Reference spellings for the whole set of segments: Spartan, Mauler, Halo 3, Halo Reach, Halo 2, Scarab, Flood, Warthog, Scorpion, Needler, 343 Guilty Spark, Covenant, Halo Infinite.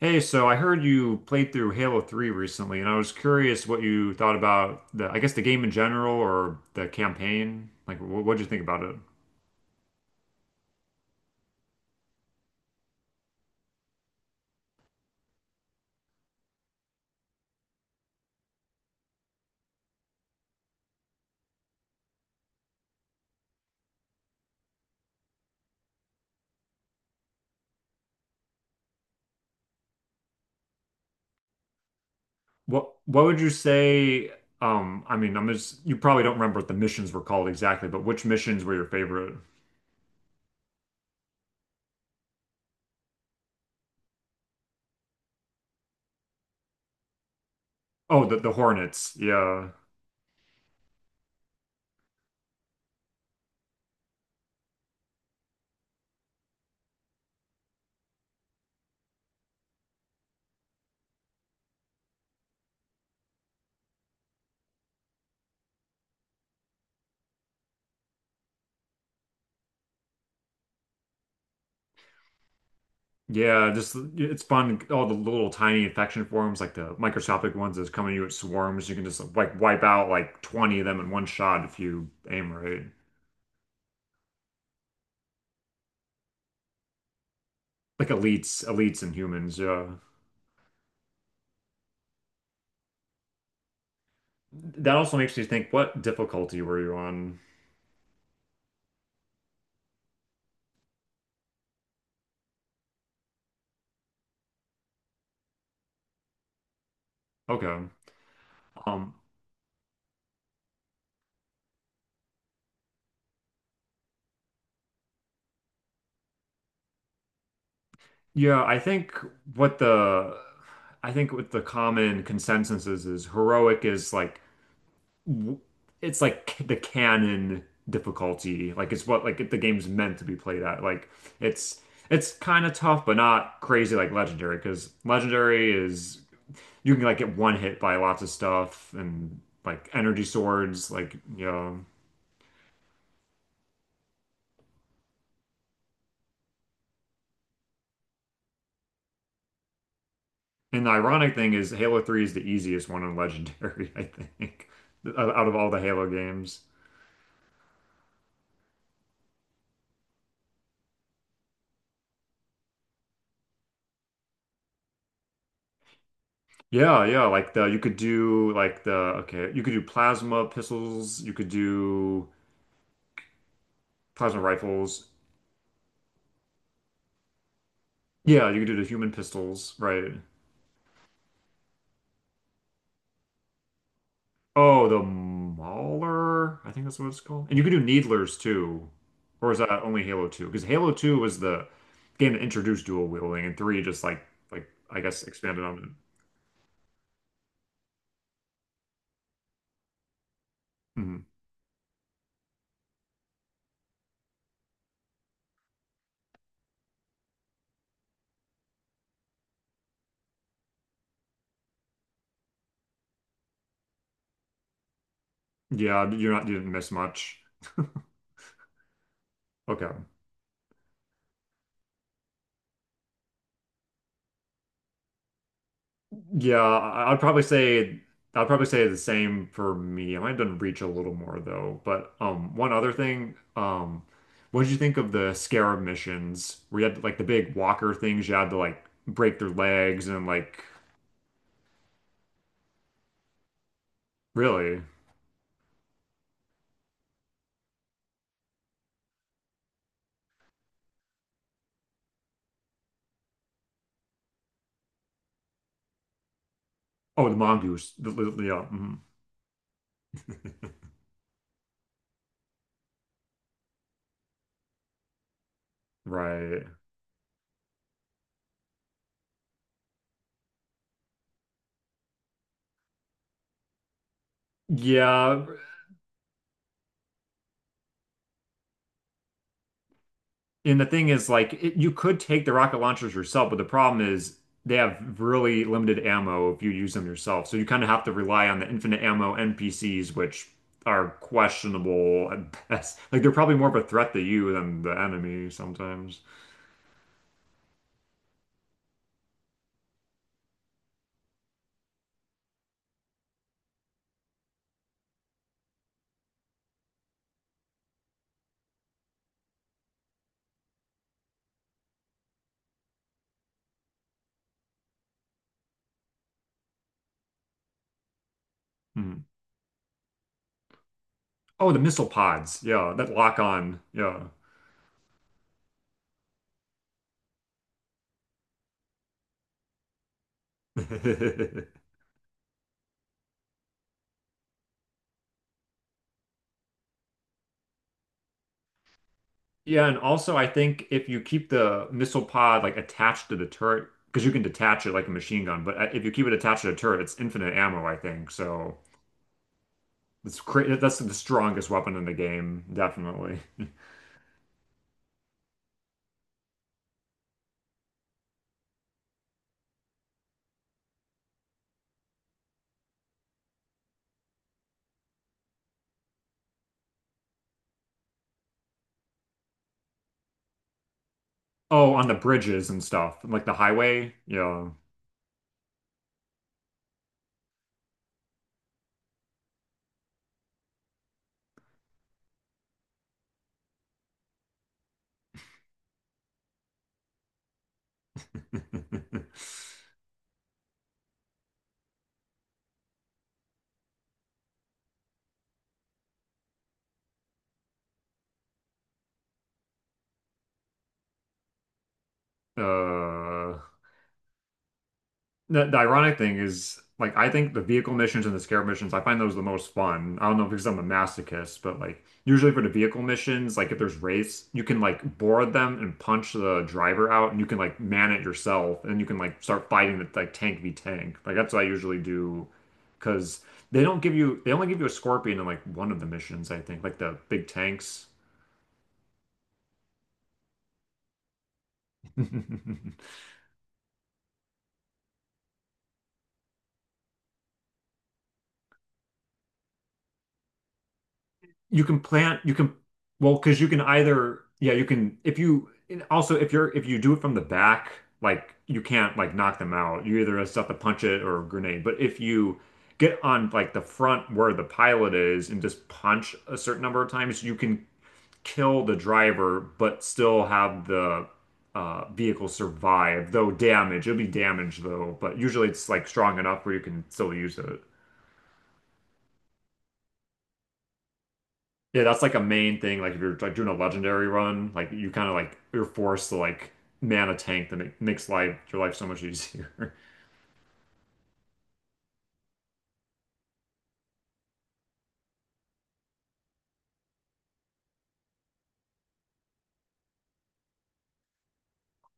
Hey, so I heard you played through Halo 3 recently, and I was curious what you thought about I guess the game in general or the campaign. Like, what'd you think about it? What would you say? I mean, I'm just you probably don't remember what the missions were called exactly, but which missions were your favorite? Oh, the Hornets. Yeah, yeah. Just it's fun. All the little tiny infection forms, like the microscopic ones that's coming to you at swarms. You can just like wipe out like 20 of them in one shot if you aim right. Like elites and humans, yeah. That also makes me think, what difficulty were you on? Okay. Um, yeah, what the I think what the common consensus is heroic is like w- it's like the canon difficulty. Like it's what like the game's meant to be played at. Like it's it's kind of tough but not crazy like legendary, because legendary is you can like get one hit by lots of stuff and like energy swords, like. And the ironic thing is, Halo 3 is the easiest one in Legendary, I think, out of all the Halo games. Yeah, yeah, like the you could do like the okay, you could do plasma pistols, you could do plasma rifles. Yeah, you could do the human pistols, right? Oh, the Mauler, I think that's what it's called. And you could do Needlers too. Or is that only Halo 2? Because Halo 2 was the game that introduced dual wielding, and 3 just like I guess expanded on it. Mhm. Yeah, you didn't miss much. Okay. Yeah, I'd probably say the same for me. I might have done Reach a little more though. But one other thing, what did you think of the Scarab missions where you had like the big walker things you had to like break their legs and like? Really? Oh, the mongoose. Yeah. Mhm. Right. Yeah, and the thing is, like, it, you could take the rocket launchers yourself, but the problem is they have really limited ammo if you use them yourself. So you kind of have to rely on the infinite ammo NPCs, which are questionable at best. Like, they're probably more of a threat to you than the enemy sometimes. Hmm. Oh, the missile pods. Yeah, that lock on. Yeah. Yeah, and also I think if you keep the missile pod like attached to the turret, because you can detach it like a machine gun, but if you keep it attached to the turret, it's infinite ammo, I think. So it's that's the strongest weapon in the game, definitely. Oh, on the bridges and stuff, like the highway. Yeah. uh, the ironic thing is, like, I think the vehicle missions and the scarab missions, I find those the most fun. I don't know if because I'm a masochist, but like, usually for the vehicle missions, like if there's race, you can like board them and punch the driver out, and you can like man it yourself, and you can like start fighting with like tank v tank. Like that's what I usually do, because they don't give you, they only give you a scorpion in like one of the missions, I think, like the big tanks. You can plant, you can, well, because you can either, yeah, you can, if you, and also if you're, if you do it from the back, like you can't like knock them out. You either just have to punch it or grenade. But if you get on like the front where the pilot is and just punch a certain number of times, you can kill the driver, but still have the vehicle survive, though damage. It'll be damaged though, but usually it's like strong enough where you can still use it. Yeah, that's like a main thing. Like if you're like doing a legendary run, like you kind of like you're forced to like man a tank that makes life your life so much easier.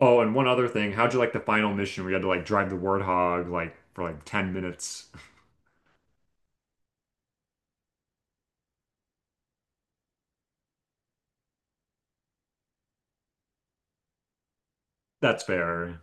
Oh, and one other thing, how'd you like the final mission where you had to like drive the Warthog like for like 10 minutes? That's fair.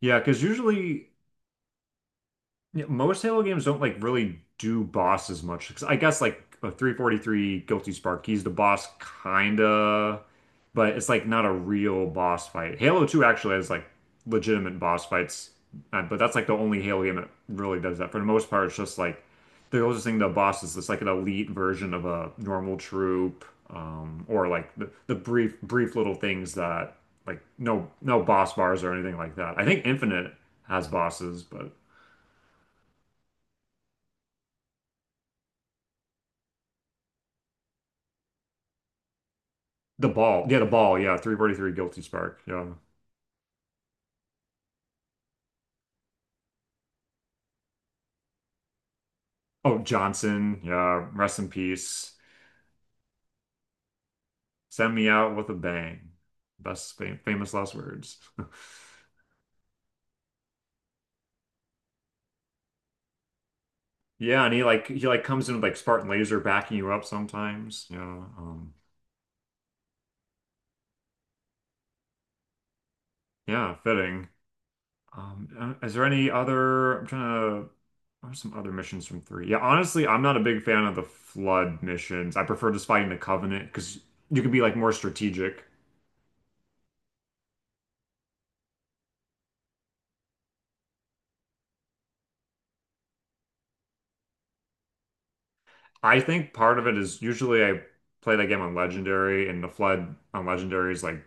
Yeah, because usually yeah, most Halo games don't like really do bosses much. 'Cause I guess like 343 Guilty Spark, he's the boss kinda, but it's like not a real boss fight. Halo 2 actually has like legitimate boss fights, but that's like the only Halo game that really does that. For the most part, it's just like the closest thing to a boss is just like an elite version of a normal troop, or like the brief little things that like no boss bars or anything like that. I think Infinite has bosses, but. The ball. Yeah, the ball. Yeah, 343 Guilty Spark. Yeah. Oh, Johnson. Yeah, rest in peace. Send me out with a bang. Best famous last words. Yeah, and he he like comes in with like Spartan laser backing you up sometimes. Yeah, yeah, fitting. Um, is there any other? I'm trying to. What are some other missions from three? Yeah, honestly, I'm not a big fan of the flood missions. I prefer just fighting the Covenant because you can be like more strategic. I think part of it is usually I play that game on Legendary, and the Flood on Legendary is like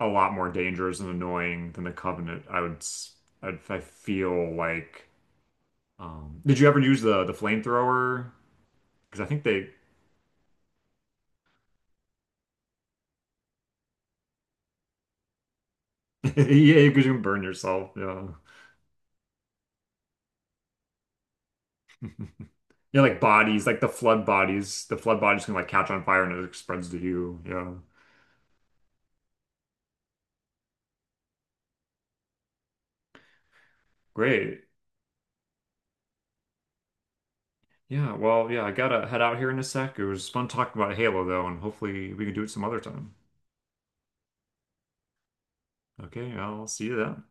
a lot more dangerous and annoying than the Covenant. I feel like. Did you ever use the flamethrower? Because I think they, yeah, because you can burn yourself. Yeah, yeah, like bodies, like the Flood bodies. The Flood bodies can like catch on fire and it spreads to you. Yeah, great. Yeah, well, yeah, I gotta head out here in a sec. It was fun talking about Halo though, and hopefully we can do it some other time. Okay, I'll see you then.